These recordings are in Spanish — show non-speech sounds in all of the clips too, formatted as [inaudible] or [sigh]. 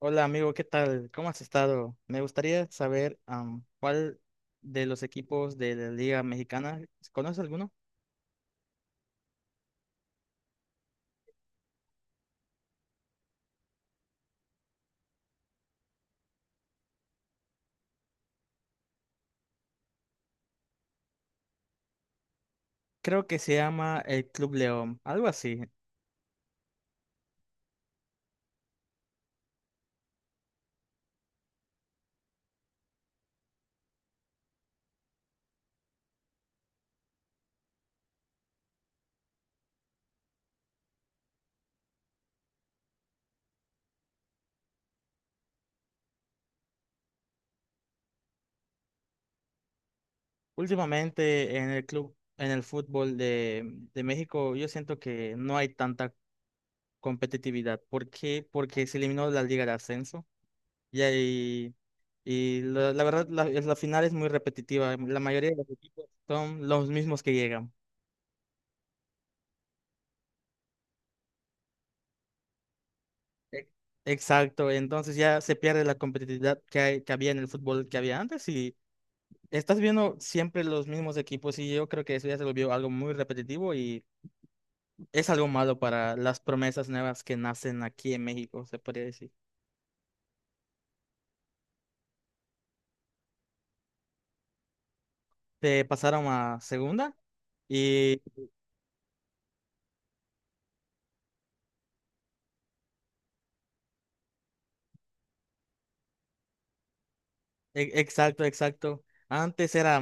Hola amigo, ¿qué tal? ¿Cómo has estado? Me gustaría saber cuál de los equipos de la Liga Mexicana, ¿conoces alguno? Creo que se llama el Club León, algo así. Últimamente en el club, en el fútbol de México, yo siento que no hay tanta competitividad. ¿Por qué? Porque se eliminó la Liga de Ascenso y, ahí- y la verdad la final es muy repetitiva. La mayoría de los equipos son los mismos que llegan. E- Exacto, entonces ya se pierde la competitividad que había en el fútbol que había antes y estás viendo siempre los mismos equipos, y yo creo que eso ya se volvió algo muy repetitivo y es algo malo para las promesas nuevas que nacen aquí en México, se podría decir. Te pasaron a segunda y exacto. Antes era,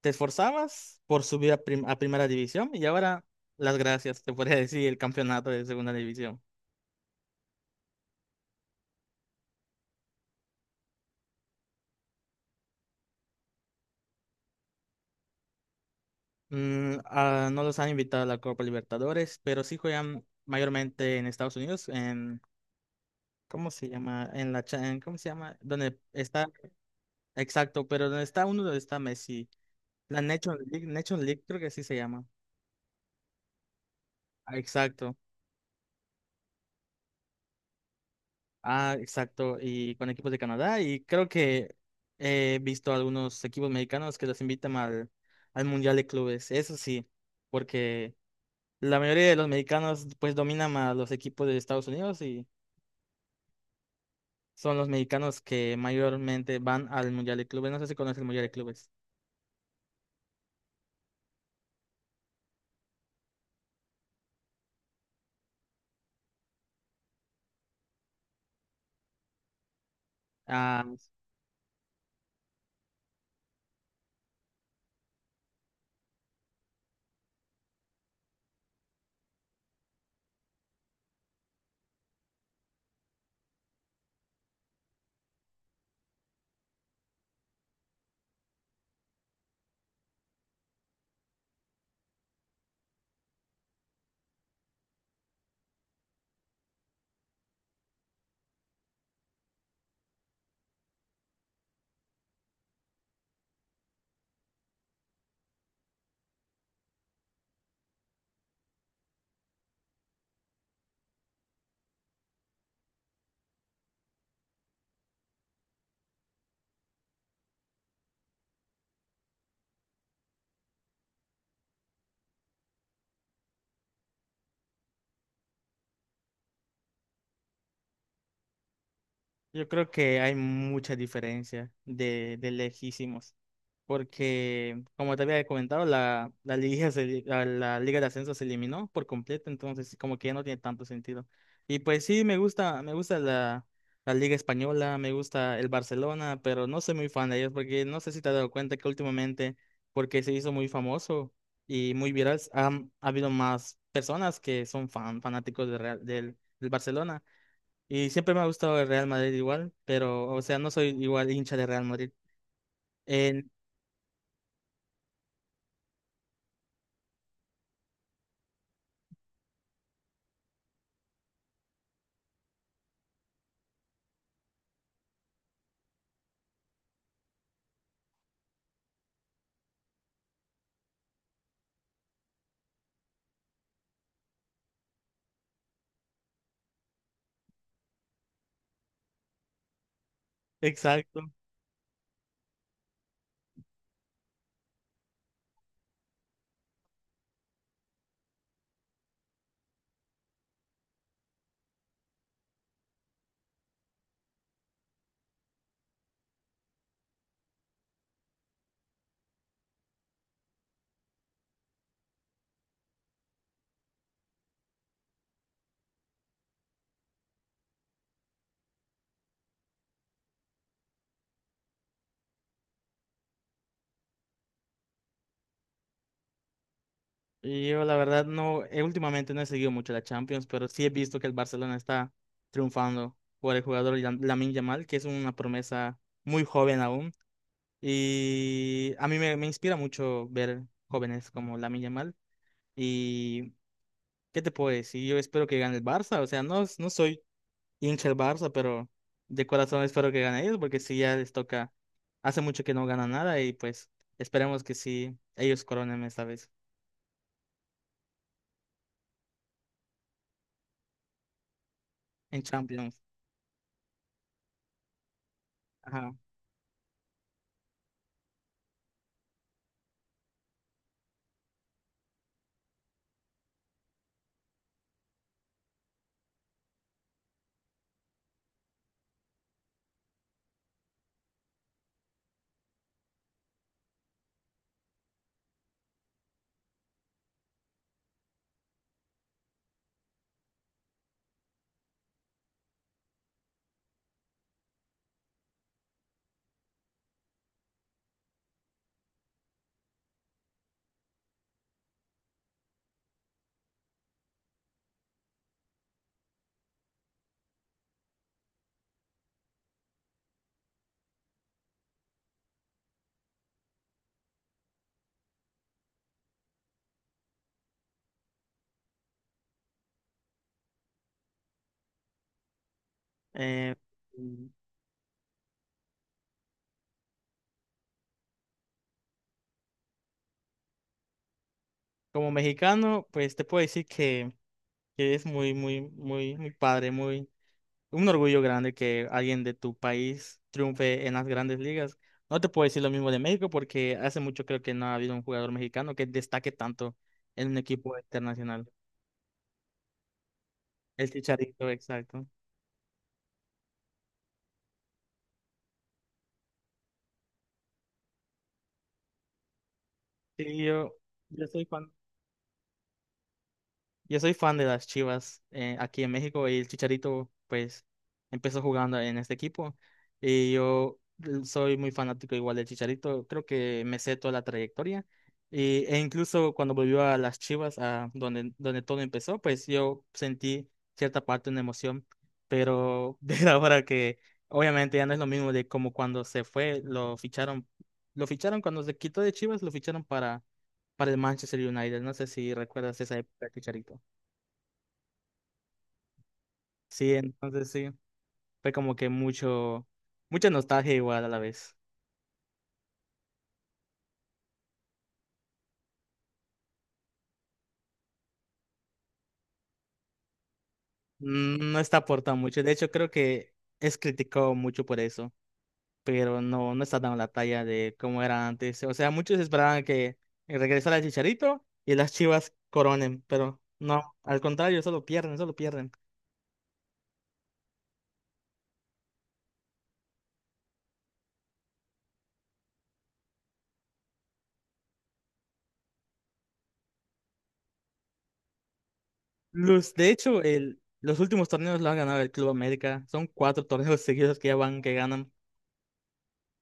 te esforzabas por subir a primera división, y ahora las gracias, te podría decir, el campeonato de segunda división. No los han invitado a la Copa Libertadores, pero sí juegan mayormente en Estados Unidos, en, ¿cómo se llama? En la, cha- en- ¿Cómo se llama? Donde está, exacto, pero donde está uno, donde está Messi. La Nations League, Nations League creo que así se llama. Ah, exacto. Ah, exacto. Y con equipos de Canadá, y creo que he visto algunos equipos mexicanos que los invitan al, al Mundial de Clubes, eso sí, porque la mayoría de los mexicanos pues dominan a los equipos de Estados Unidos, son los mexicanos que mayormente van al Mundial de Clubes. No sé si conoces el Mundial de Clubes. Ah, yo creo que hay mucha diferencia de lejísimos, porque como te había comentado, la, la liga de ascenso se eliminó por completo, entonces como que ya no tiene tanto sentido. Y pues sí, me gusta la liga española, me gusta el Barcelona, pero no soy muy fan de ellos porque no sé si te has dado cuenta que últimamente, porque se hizo muy famoso y muy viral, ha habido más personas que son fanáticos de del Barcelona. Y siempre me ha gustado el Real Madrid igual, pero, o sea, no soy igual hincha de Real Madrid. En- exacto. Y yo, la verdad, no, últimamente no he seguido mucho la Champions, pero sí he visto que el Barcelona está triunfando por el jugador Lamine Yamal, que es una promesa muy joven aún. Y a mí me inspira mucho ver jóvenes como Lamine Yamal. Y, ¿qué te puedo decir? Yo espero que gane el Barça, o sea, no, no soy hincha el Barça, pero de corazón espero que gane ellos, porque sí ya les toca, hace mucho que no ganan nada y pues esperemos que sí ellos coronen esta vez en Champions. Ajá. Eh, mm, Como mexicano, pues te puedo decir que es muy, muy, muy, muy padre, muy, un orgullo grande que alguien de tu país triunfe en las grandes ligas. No te puedo decir lo mismo de México porque hace mucho creo que no ha habido un jugador mexicano que destaque tanto en un equipo internacional. El Chicharito, exacto. Sí, yo soy fan. Yo soy fan de las Chivas, aquí en México, y el Chicharito pues empezó jugando en este equipo y yo soy muy fanático igual del Chicharito, creo que me sé toda la trayectoria y, e incluso cuando volvió a las Chivas, a donde, donde todo empezó, pues yo sentí cierta parte de una emoción, pero [laughs] ver ahora que obviamente ya no es lo mismo de como cuando se fue, lo ficharon cuando se quitó de Chivas, lo ficharon para el Manchester United. No sé si recuerdas esa época, Chicharito. Sí, entonces sí, fue como que mucha nostalgia igual a la vez. No está aportando mucho. De hecho, creo que es criticado mucho por eso, pero no, no está dando la talla de cómo era antes. O sea, muchos esperaban que regresara el Chicharito y las Chivas coronen, pero no, al contrario, solo pierden, solo pierden. De hecho, los últimos torneos lo ha ganado el Club América. Son cuatro [laughs] torneos seguidos que ya van, que ganan.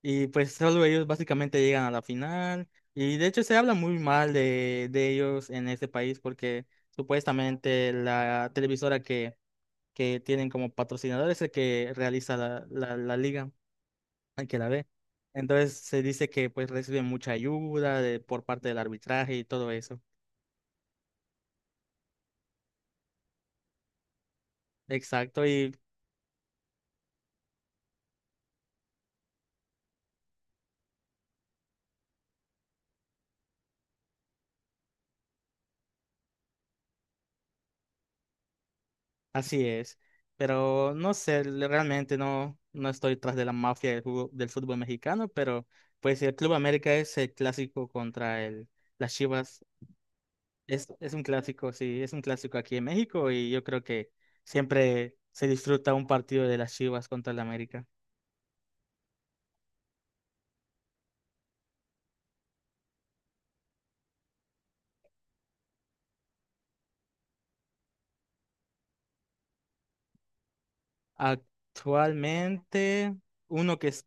Y pues solo ellos básicamente llegan a la final. Y de hecho se habla muy mal de ellos en este país porque supuestamente la televisora que tienen como patrocinador es el que realiza la liga, el que la ve. Entonces se dice que pues reciben mucha ayuda por parte del arbitraje y todo eso. Exacto. Y así es, pero no sé, realmente no, no estoy tras de la mafia del fútbol mexicano, pero pues el Club América es el clásico contra las Chivas, es un clásico, sí, es un clásico aquí en México, y yo creo que siempre se disfruta un partido de las Chivas contra el América. Actualmente, uno que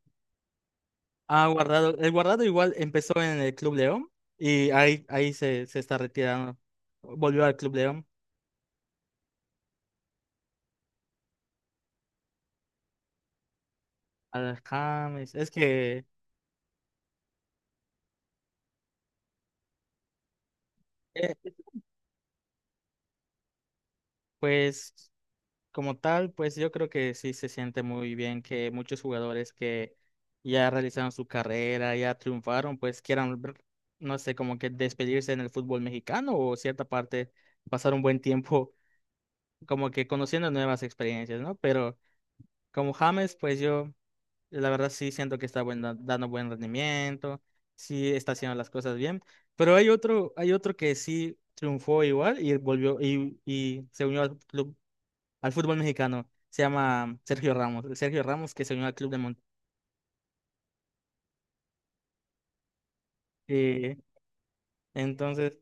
ha guardado, el guardado igual empezó en el Club León y ahí se, se está retirando, volvió al Club León. Al James, es que, Eh, pues como tal, pues yo creo que sí se siente muy bien que muchos jugadores que ya realizaron su carrera, ya triunfaron, pues quieran, ver, no sé, como que despedirse en el fútbol mexicano o cierta parte, pasar un buen tiempo [laughs] como que conociendo nuevas experiencias, ¿no? Pero como James, pues yo la verdad sí siento que está dando buen rendimiento, sí está haciendo las cosas bien, pero hay otro que sí triunfó igual y volvió y se unió al club, al fútbol mexicano. Se llama Sergio Ramos. El Sergio Ramos que se unió al club de Monterrey. Eh, entonces,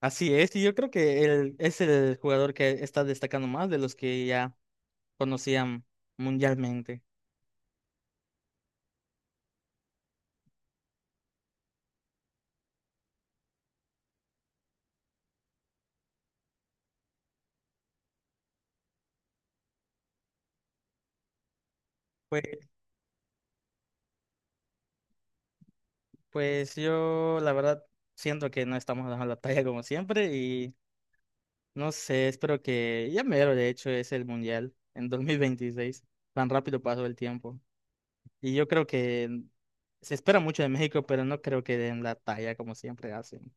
así es. Y yo creo que él es el jugador que está destacando más de los que ya conocían mundialmente. Pues, pues yo, la verdad, siento que no estamos dando la talla como siempre. Y no sé, espero que ya mero, de hecho, es el mundial en 2026. Tan rápido pasó el tiempo. Y yo creo que se espera mucho de México, pero no creo que den la talla como siempre hacen.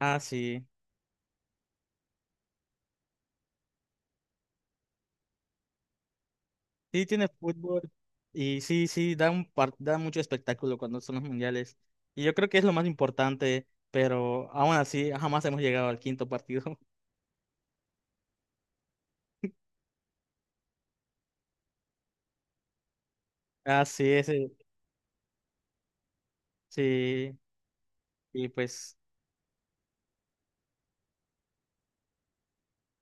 Ah, sí. Sí, tiene fútbol. Y sí, sí, da mucho espectáculo cuando son los mundiales. Y yo creo que es lo más importante, pero aún así jamás hemos llegado al quinto partido. [laughs] Ah, sí, ese, sí. Y pues,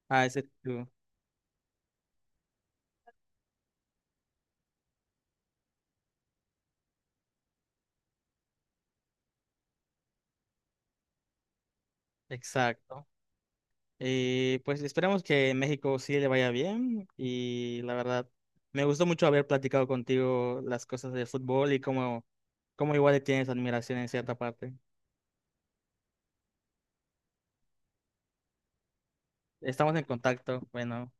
ah, ese tú. Exacto. Y pues esperemos que México sí le vaya bien. Y la verdad, me gustó mucho haber platicado contigo las cosas de fútbol y cómo, cómo igual le tienes admiración en cierta parte. Estamos en contacto. Bueno.